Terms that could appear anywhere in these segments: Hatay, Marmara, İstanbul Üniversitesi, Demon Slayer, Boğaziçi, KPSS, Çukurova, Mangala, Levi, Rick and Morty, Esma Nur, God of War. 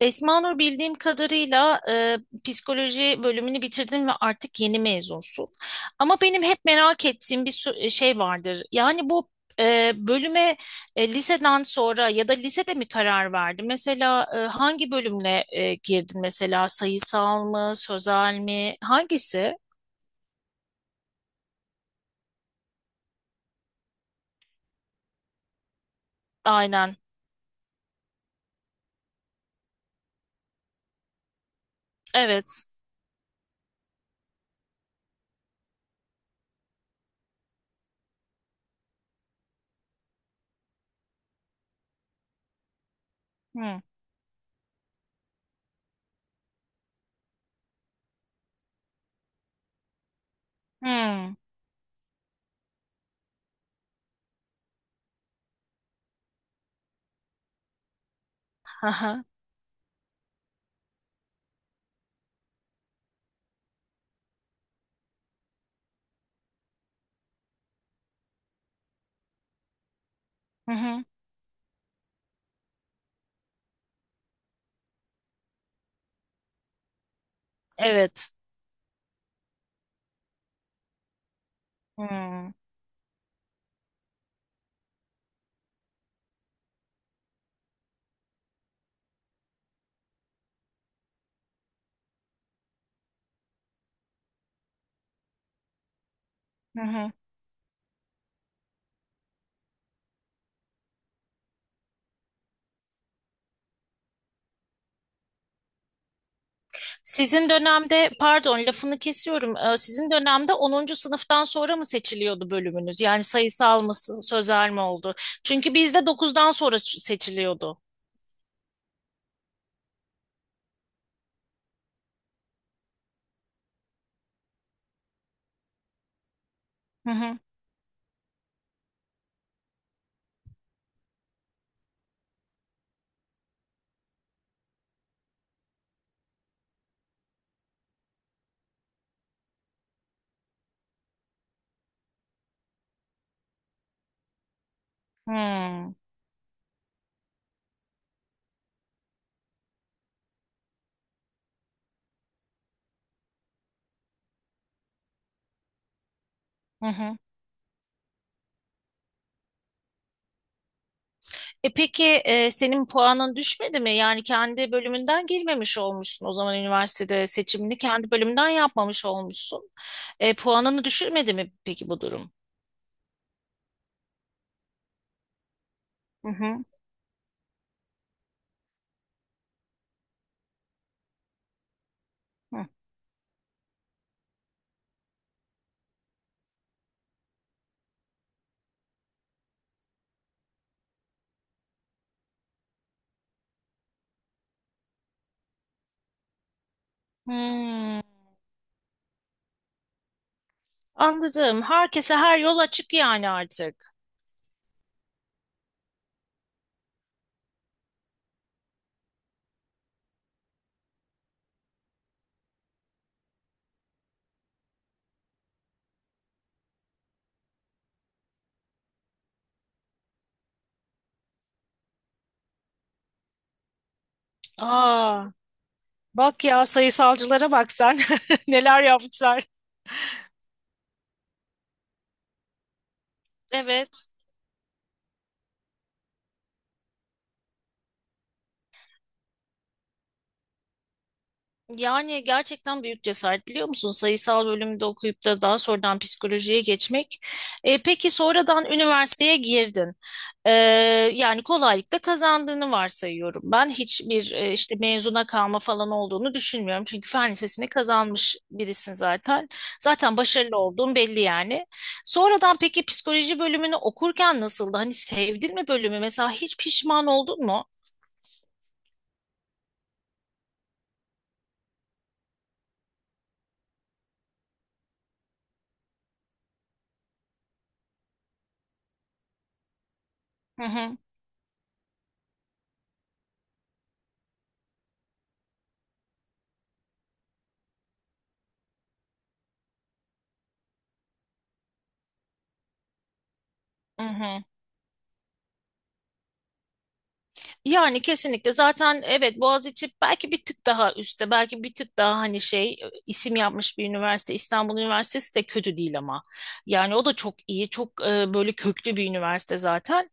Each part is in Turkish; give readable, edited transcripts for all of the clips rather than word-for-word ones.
Esma Nur bildiğim kadarıyla psikoloji bölümünü bitirdin ve artık yeni mezunsun. Ama benim hep merak ettiğim bir şey vardır. Yani bu bölüme liseden sonra ya da lisede mi karar verdin? Mesela hangi bölümle girdin? Mesela sayısal mı, sözel mi? Hangisi? Aynen. Evet. Hmm. Hmm. Aha. Hı hı. Evet. Hmm. Hı hı. Sizin dönemde, pardon lafını kesiyorum. Sizin dönemde 10. sınıftan sonra mı seçiliyordu bölümünüz? Yani sayısal mı, sözel mi oldu? Çünkü bizde dokuzdan sonra seçiliyordu. Hı hı. Hmm. Hı hı. E peki senin puanın düşmedi mi? Yani kendi bölümünden girmemiş olmuşsun. O zaman üniversitede seçimini kendi bölümünden yapmamış olmuşsun. Puanını düşürmedi mi peki bu durum? Hı hı. Hı. Hmm. Anladım. Herkese her yol açık yani artık. Aa, bak ya sayısalcılara bak sen. Neler yapmışlar. Evet. Yani gerçekten büyük cesaret biliyor musun? Sayısal bölümde okuyup da daha sonradan psikolojiye geçmek. Peki sonradan üniversiteye girdin. E, yani kolaylıkla kazandığını varsayıyorum. Ben hiçbir işte mezuna kalma falan olduğunu düşünmüyorum. Çünkü fen lisesini kazanmış birisin zaten. Zaten başarılı olduğun belli yani. Sonradan peki psikoloji bölümünü okurken nasıldı? Hani sevdin mi bölümü? Mesela hiç pişman oldun mu? Hı hı. Hı hı. Yani kesinlikle zaten evet Boğaziçi belki bir tık daha üstte belki bir tık daha hani şey isim yapmış bir üniversite İstanbul Üniversitesi de kötü değil ama yani o da çok iyi çok böyle köklü bir üniversite zaten.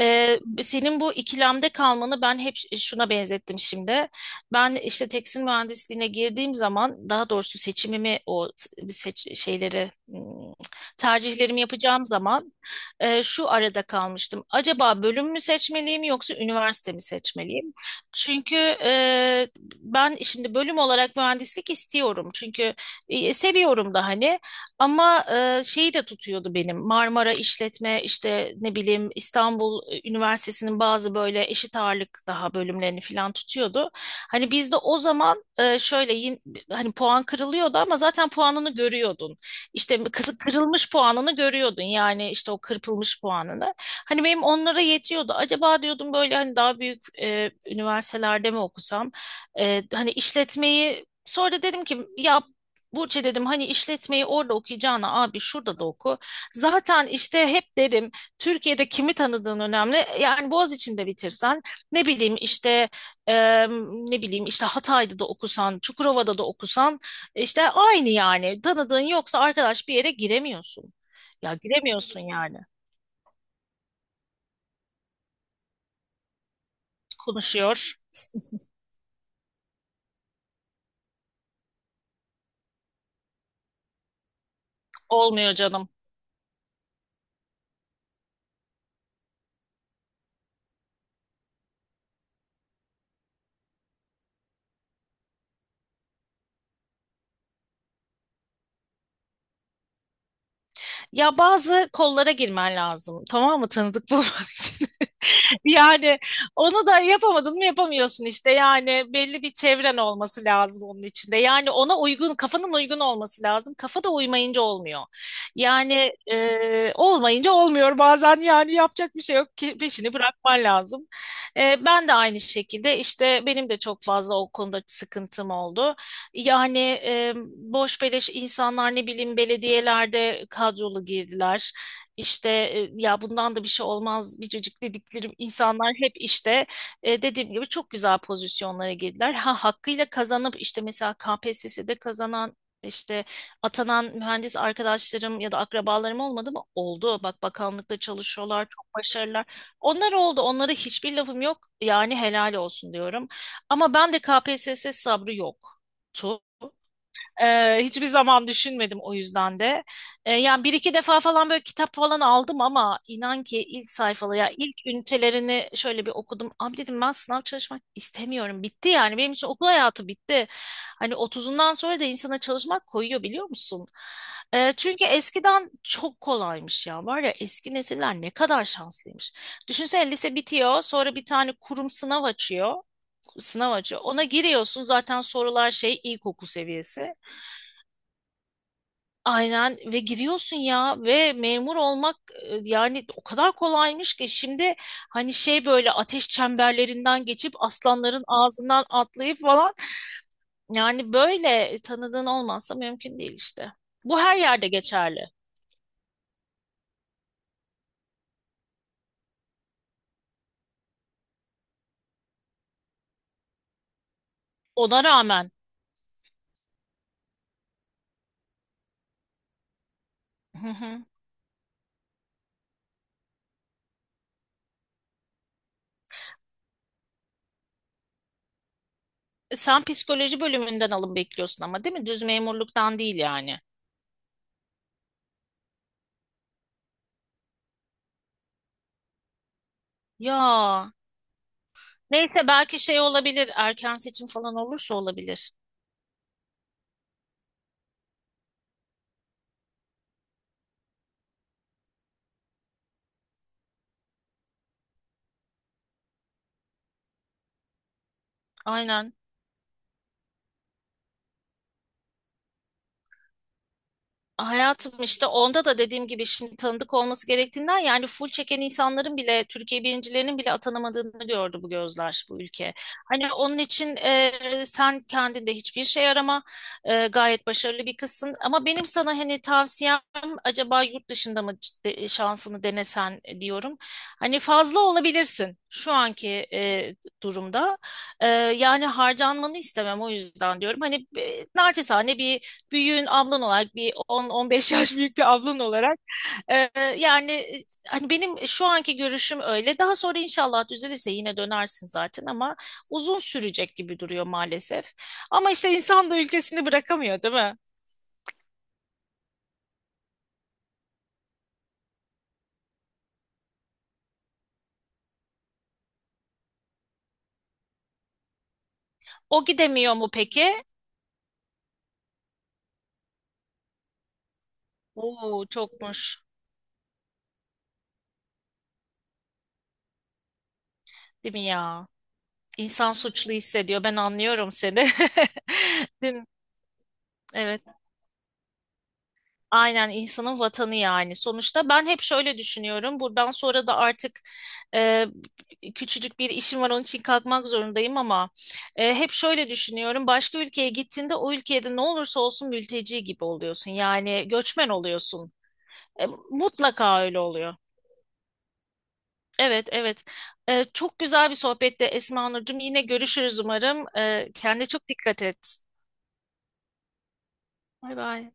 Senin bu ikilemde kalmanı ben hep şuna benzettim şimdi. Ben işte tekstil mühendisliğine girdiğim zaman daha doğrusu seçimimi o seç şeyleri tercihlerimi yapacağım zaman şu arada kalmıştım. Acaba bölüm mü seçmeliyim yoksa üniversite mi seçmeliyim? Çünkü e, ben şimdi bölüm olarak mühendislik istiyorum. Çünkü seviyorum da hani ama şeyi de tutuyordu benim. Marmara İşletme işte ne bileyim İstanbul Üniversitesi'nin bazı böyle eşit ağırlık daha bölümlerini falan tutuyordu. Hani bizde o zaman şöyle hani puan kırılıyordu ama zaten puanını görüyordun işte kızı kırılmış puanını görüyordun yani işte o kırpılmış puanını. Hani benim onlara yetiyordu. Acaba diyordum böyle hani daha büyük üniversitelerde mi okusam? Hani işletmeyi sonra dedim ki ya Burçe dedim hani işletmeyi orada okuyacağına abi şurada da oku. Zaten işte hep dedim Türkiye'de kimi tanıdığın önemli. Yani Boğaziçi'nde bitirsen ne bileyim işte ne bileyim işte Hatay'da da okusan, Çukurova'da da okusan işte aynı yani. Tanıdığın yoksa arkadaş bir yere giremiyorsun. Ya giremiyorsun yani. Konuşuyor. Olmuyor canım. Ya bazı kollara girmen lazım. Tamam mı? Tanıdık bulman için. Yani onu da yapamadın mı yapamıyorsun işte. Yani belli bir çevren olması lazım onun içinde. Yani ona uygun, kafanın uygun olması lazım. Kafa da uymayınca olmuyor. Yani olmayınca olmuyor bazen yani yapacak bir şey yok ki peşini bırakman lazım. Ben de aynı şekilde işte benim de çok fazla o konuda sıkıntım oldu. Yani boş beleş insanlar ne bileyim belediyelerde kadrolu girdiler işte ya bundan da bir şey olmaz biricik dedikleri insanlar hep işte dediğim gibi çok güzel pozisyonlara girdiler. Ha hakkıyla kazanıp işte mesela KPSS'de kazanan işte atanan mühendis arkadaşlarım ya da akrabalarım olmadı mı? Oldu. Bak bakanlıkta çalışıyorlar, çok başarılılar. Onlar oldu. Onlara hiçbir lafım yok. Yani helal olsun diyorum. Ama ben de KPSS sabrı yoktu. Hiçbir zaman düşünmedim o yüzden de. Yani bir iki defa falan böyle kitap falan aldım ama inan ki ilk sayfalı ya ilk ünitelerini şöyle bir okudum. Abi dedim ben sınav çalışmak istemiyorum. Bitti yani benim için okul hayatı bitti. Hani otuzundan sonra da insana çalışmak koyuyor biliyor musun? Çünkü eskiden çok kolaymış ya. Var ya eski nesiller ne kadar şanslıymış. Düşünsene lise bitiyor sonra bir tane kurum sınav açıyor. Sınav açıyor. Ona giriyorsun zaten sorular şey ilkokul seviyesi. Aynen ve giriyorsun ya ve memur olmak yani o kadar kolaymış ki şimdi hani şey böyle ateş çemberlerinden geçip aslanların ağzından atlayıp falan yani böyle tanıdığın olmazsa mümkün değil işte. Bu her yerde geçerli. Ona rağmen. Hı hı. Sen psikoloji bölümünden alım bekliyorsun ama değil mi? Düz memurluktan değil yani. Ya neyse belki şey olabilir erken seçim falan olursa olabilir. Aynen. Hayatım işte onda da dediğim gibi şimdi tanıdık olması gerektiğinden yani full çeken insanların bile Türkiye birincilerinin bile atanamadığını gördü bu gözler bu ülke. Hani onun için sen kendinde hiçbir şey arama. Gayet başarılı bir kızsın ama benim sana hani tavsiyem acaba yurt dışında mı şansını denesen diyorum. Hani fazla olabilirsin şu anki e, durumda. Yani harcanmanı istemem o yüzden diyorum hani naçizane bir büyüğün ablan olarak bir 10-15 yaş büyük bir ablan olarak e, yani hani benim şu anki görüşüm öyle. Daha sonra inşallah düzelirse yine dönersin zaten ama uzun sürecek gibi duruyor maalesef. Ama işte insan da ülkesini bırakamıyor, değil mi? O gidemiyor mu peki? Oo çokmuş. Değil mi ya? İnsan suçlu hissediyor. Ben anlıyorum seni. Değil mi? Evet. Aynen insanın vatanı yani. Sonuçta ben hep şöyle düşünüyorum. Buradan sonra da artık e, küçücük bir işim var onun için kalkmak zorundayım ama hep şöyle düşünüyorum. Başka ülkeye gittiğinde o ülkede ne olursa olsun mülteci gibi oluyorsun. Yani göçmen oluyorsun. Mutlaka öyle oluyor. Evet, evet. Çok güzel bir sohbette Esma Nurcuğum. Yine görüşürüz umarım. Kendine çok dikkat et. Bay bay.